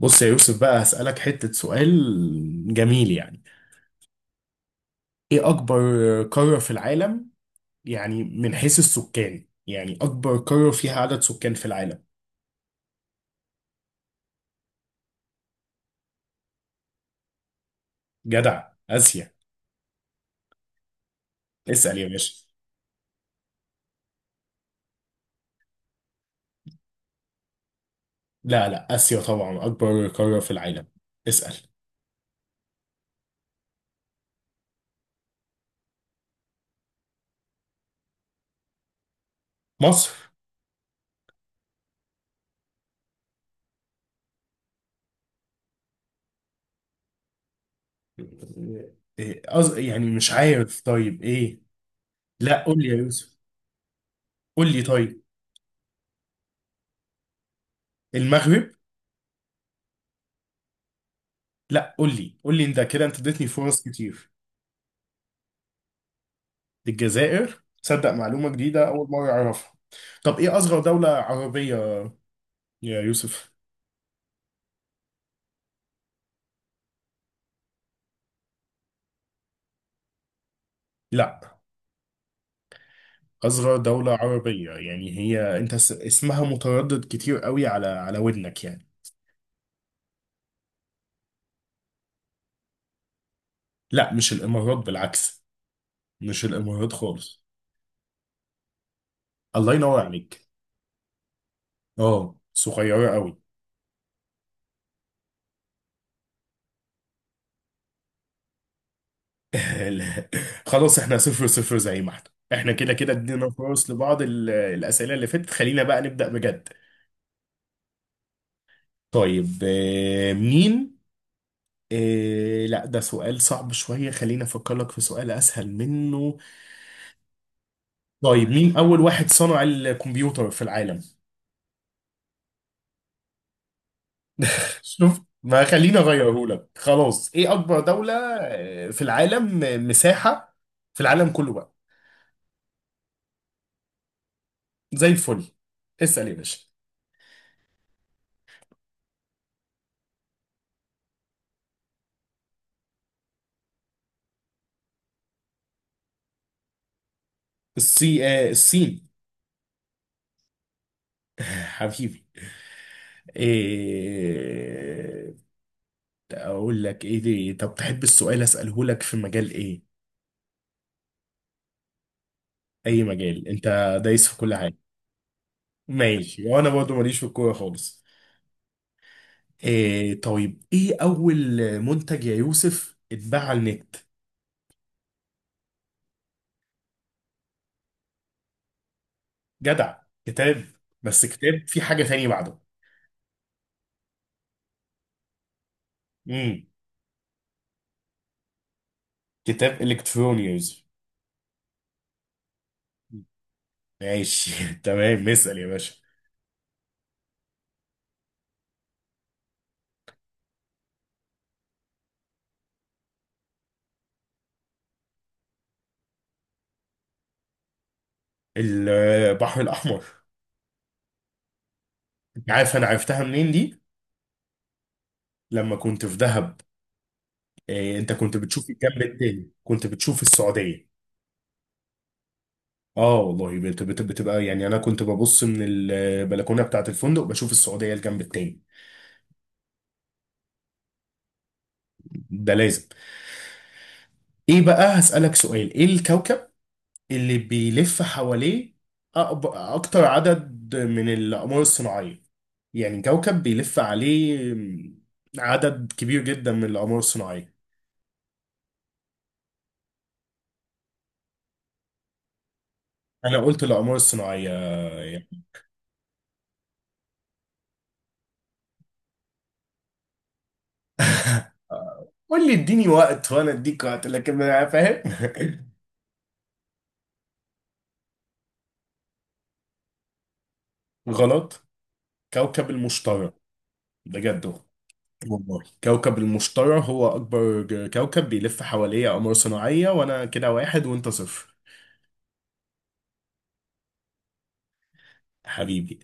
بص يا يوسف بقى هسألك حتة سؤال جميل يعني. ايه اكبر قارة في العالم؟ يعني من حيث السكان، يعني اكبر قارة فيها عدد سكان في العالم. جدع اسيا. اسأل يا باشا. لا اسيا طبعا اكبر قارة في العالم. اسأل. مصر. إيه يعني مش عارف، طيب ايه؟ لا قول لي يا يوسف. قول لي طيب. المغرب. لا، قول لي انت كده، انت اديتني فرص كتير. الجزائر؟ تصدق معلومة جديدة أول مرة أعرفها. طب إيه أصغر دولة عربية يا يوسف؟ لا، أصغر دولة عربية، يعني هي، أنت اسمها متردد كتير قوي على ودنك يعني. لا مش الإمارات، بالعكس. مش الإمارات خالص. الله ينور عليك. أه صغيرة قوي. لا. خلاص إحنا صفر صفر زي ما إحنا. إحنا كده ادينا فرص لبعض، الأسئلة اللي فاتت خلينا بقى نبدأ بجد. طيب مين... إيه لا، ده سؤال صعب شوية، خليني أفكر لك في سؤال أسهل منه. طيب، مين أول واحد صنع الكمبيوتر في العالم؟ شوف، ما خليني أغيره لك خلاص. إيه أكبر دولة في العالم، مساحة، في العالم كله بقى؟ زي الفل. اسأل يا باشا. الصين. حبيبي. إيه أقول لك إيه دي؟ طب تحب السؤال أسأله لك في مجال إيه؟ أي مجال؟ أنت دايس في كل حاجة. ماشي، وأنا برضه ماليش في الكورة خالص. إيه، طيب ايه اول منتج يا يوسف اتباع على النت؟ جدع، كتاب. بس كتاب في حاجة تانية بعده. امم كتاب الكتروني يا يوسف. ماشي تمام، اسأل يا باشا. البحر الاحمر. انت عارف انا عرفتها منين دي؟ لما كنت في دهب. إيه انت كنت بتشوف الجنب التاني، كنت بتشوف السعودية. اه والله، بتبقى يعني، انا كنت ببص من البلكونة بتاعت الفندق، بشوف السعودية الجنب التاني. ده لازم. ايه بقى، هسألك سؤال. ايه الكوكب اللي بيلف حواليه أكتر عدد من الأقمار الصناعية؟ يعني كوكب بيلف عليه عدد كبير جدا من الأقمار الصناعية. أنا قلت الأقمار الصناعية يعني. قول لي، اديني وقت وأنا أديك وقت، لكن أنا فاهم. غلط. كوكب المشتري. بجد والله، كوكب المشتري هو أكبر كوكب بيلف حواليه أقمار صناعية، وأنا كده واحد وأنت صفر. حبيبي.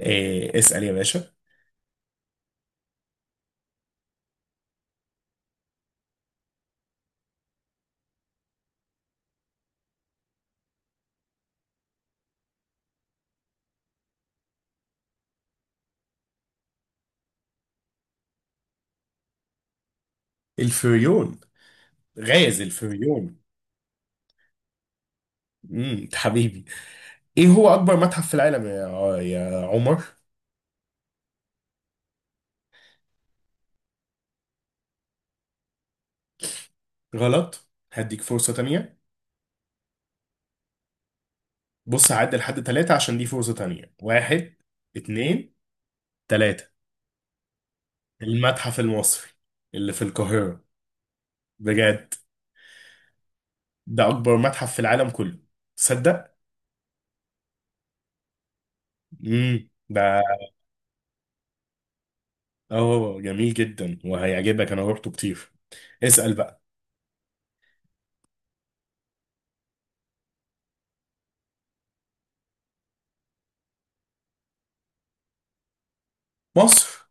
إيه اسأل يا باشا. الفريون. غازل في مليون. امم، أنت حبيبي. ايه هو اكبر متحف في العالم يا يا عمر؟ غلط، هديك فرصة تانية. بص هعد لحد ثلاثة عشان دي فرصة تانية. واحد، اتنين، تلاتة. المتحف المصري اللي في القاهرة. بجد، ده اكبر متحف في العالم كله، تصدق. ده... اه جميل جدا وهيعجبك، انا روحته كتير. اسأل بقى. مصر.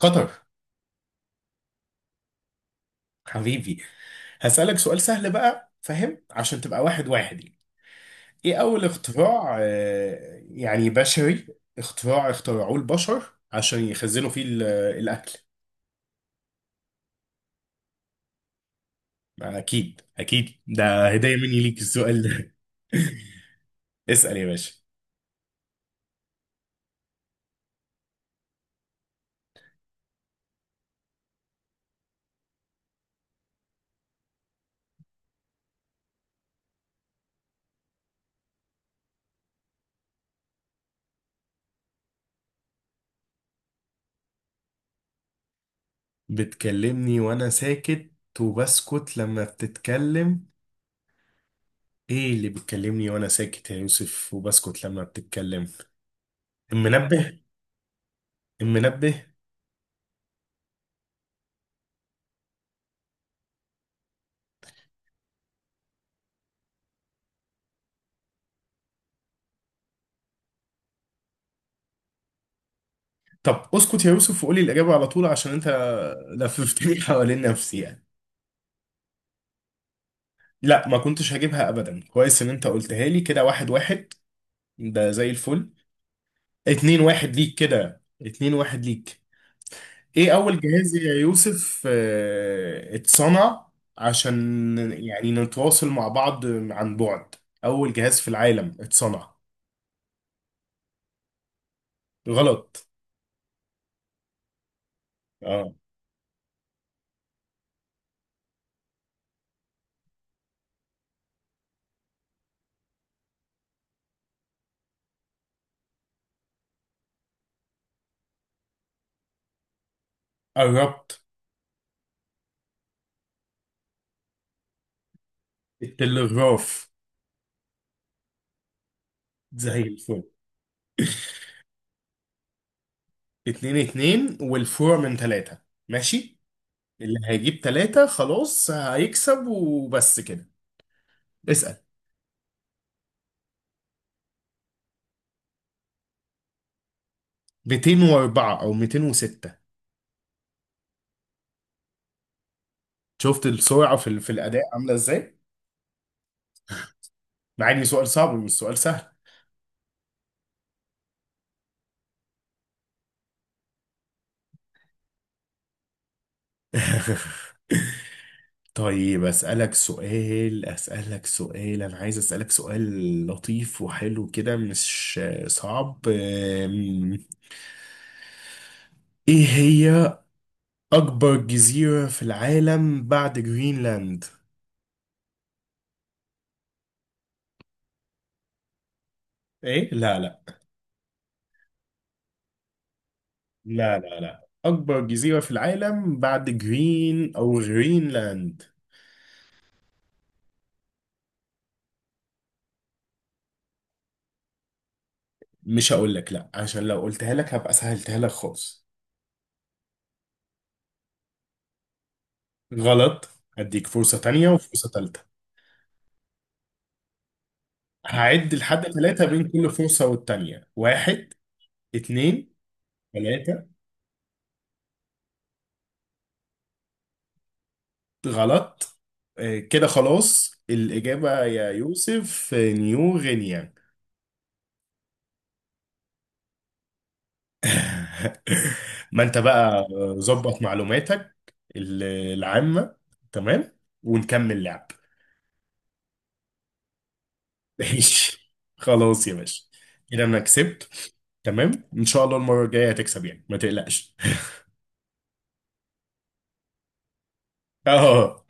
قطر. حبيبي، هسألك سؤال سهل بقى فاهم، عشان تبقى واحد واحد. ايه اول اختراع يعني بشري، اختراع اخترعوه البشر عشان يخزنوا فيه الاكل؟ يعني اكيد اكيد، ده هدية مني ليك السؤال ده. اسأل يا باشا. بتكلمني وانا ساكت، وبسكت لما بتتكلم. ايه اللي بتكلمني وانا ساكت يا يوسف وبسكت لما بتتكلم؟ المنبه. المنبه. طب اسكت يا يوسف وقولي الإجابة على طول، عشان انت لففتني حوالين نفسي يعني. لا ما كنتش هجيبها ابدا، كويس ان انت قلتها لي. كده واحد واحد. ده زي الفل. اتنين واحد ليك، كده اتنين واحد ليك. ايه اول جهاز يا يوسف اتصنع عشان يعني نتواصل مع بعض عن بعد؟ اول جهاز في العالم اتصنع. غلط. اه قربت. التلغراف. زي الفل. اتنين اتنين، والفور من تلاتة. ماشي، اللي هيجيب تلاتة خلاص هيكسب، وبس كده. اسأل. 204 او 206. شفت السرعه في في الاداء عامله ازاي؟ مع ان سؤال صعب، مش سؤال سهل. طيب اسالك سؤال، اسالك سؤال انا عايز اسالك سؤال لطيف وحلو كده، مش صعب. ايه هي اكبر جزيره في العالم بعد جرينلاند؟ ايه لا لا. لا اكبر جزيره في العالم بعد جرين او غرينلاند. مش هقول لك لا، عشان لو قلتها لك هبقى سهلتها لك خالص. غلط. هديك فرصة تانية وفرصة تالتة. هعد لحد ثلاثة بين كل فرصة والتانية. واحد، اتنين، تلاتة. غلط. كده خلاص الإجابة يا يوسف، نيو غينيا. ما انت بقى ظبط معلوماتك ال- العامة، تمام، ونكمل لعب. ماشي خلاص يا باشا. كده انا كسبت. تمام ان شاء الله المره الجايه هتكسب يعني، ما تقلقش. اه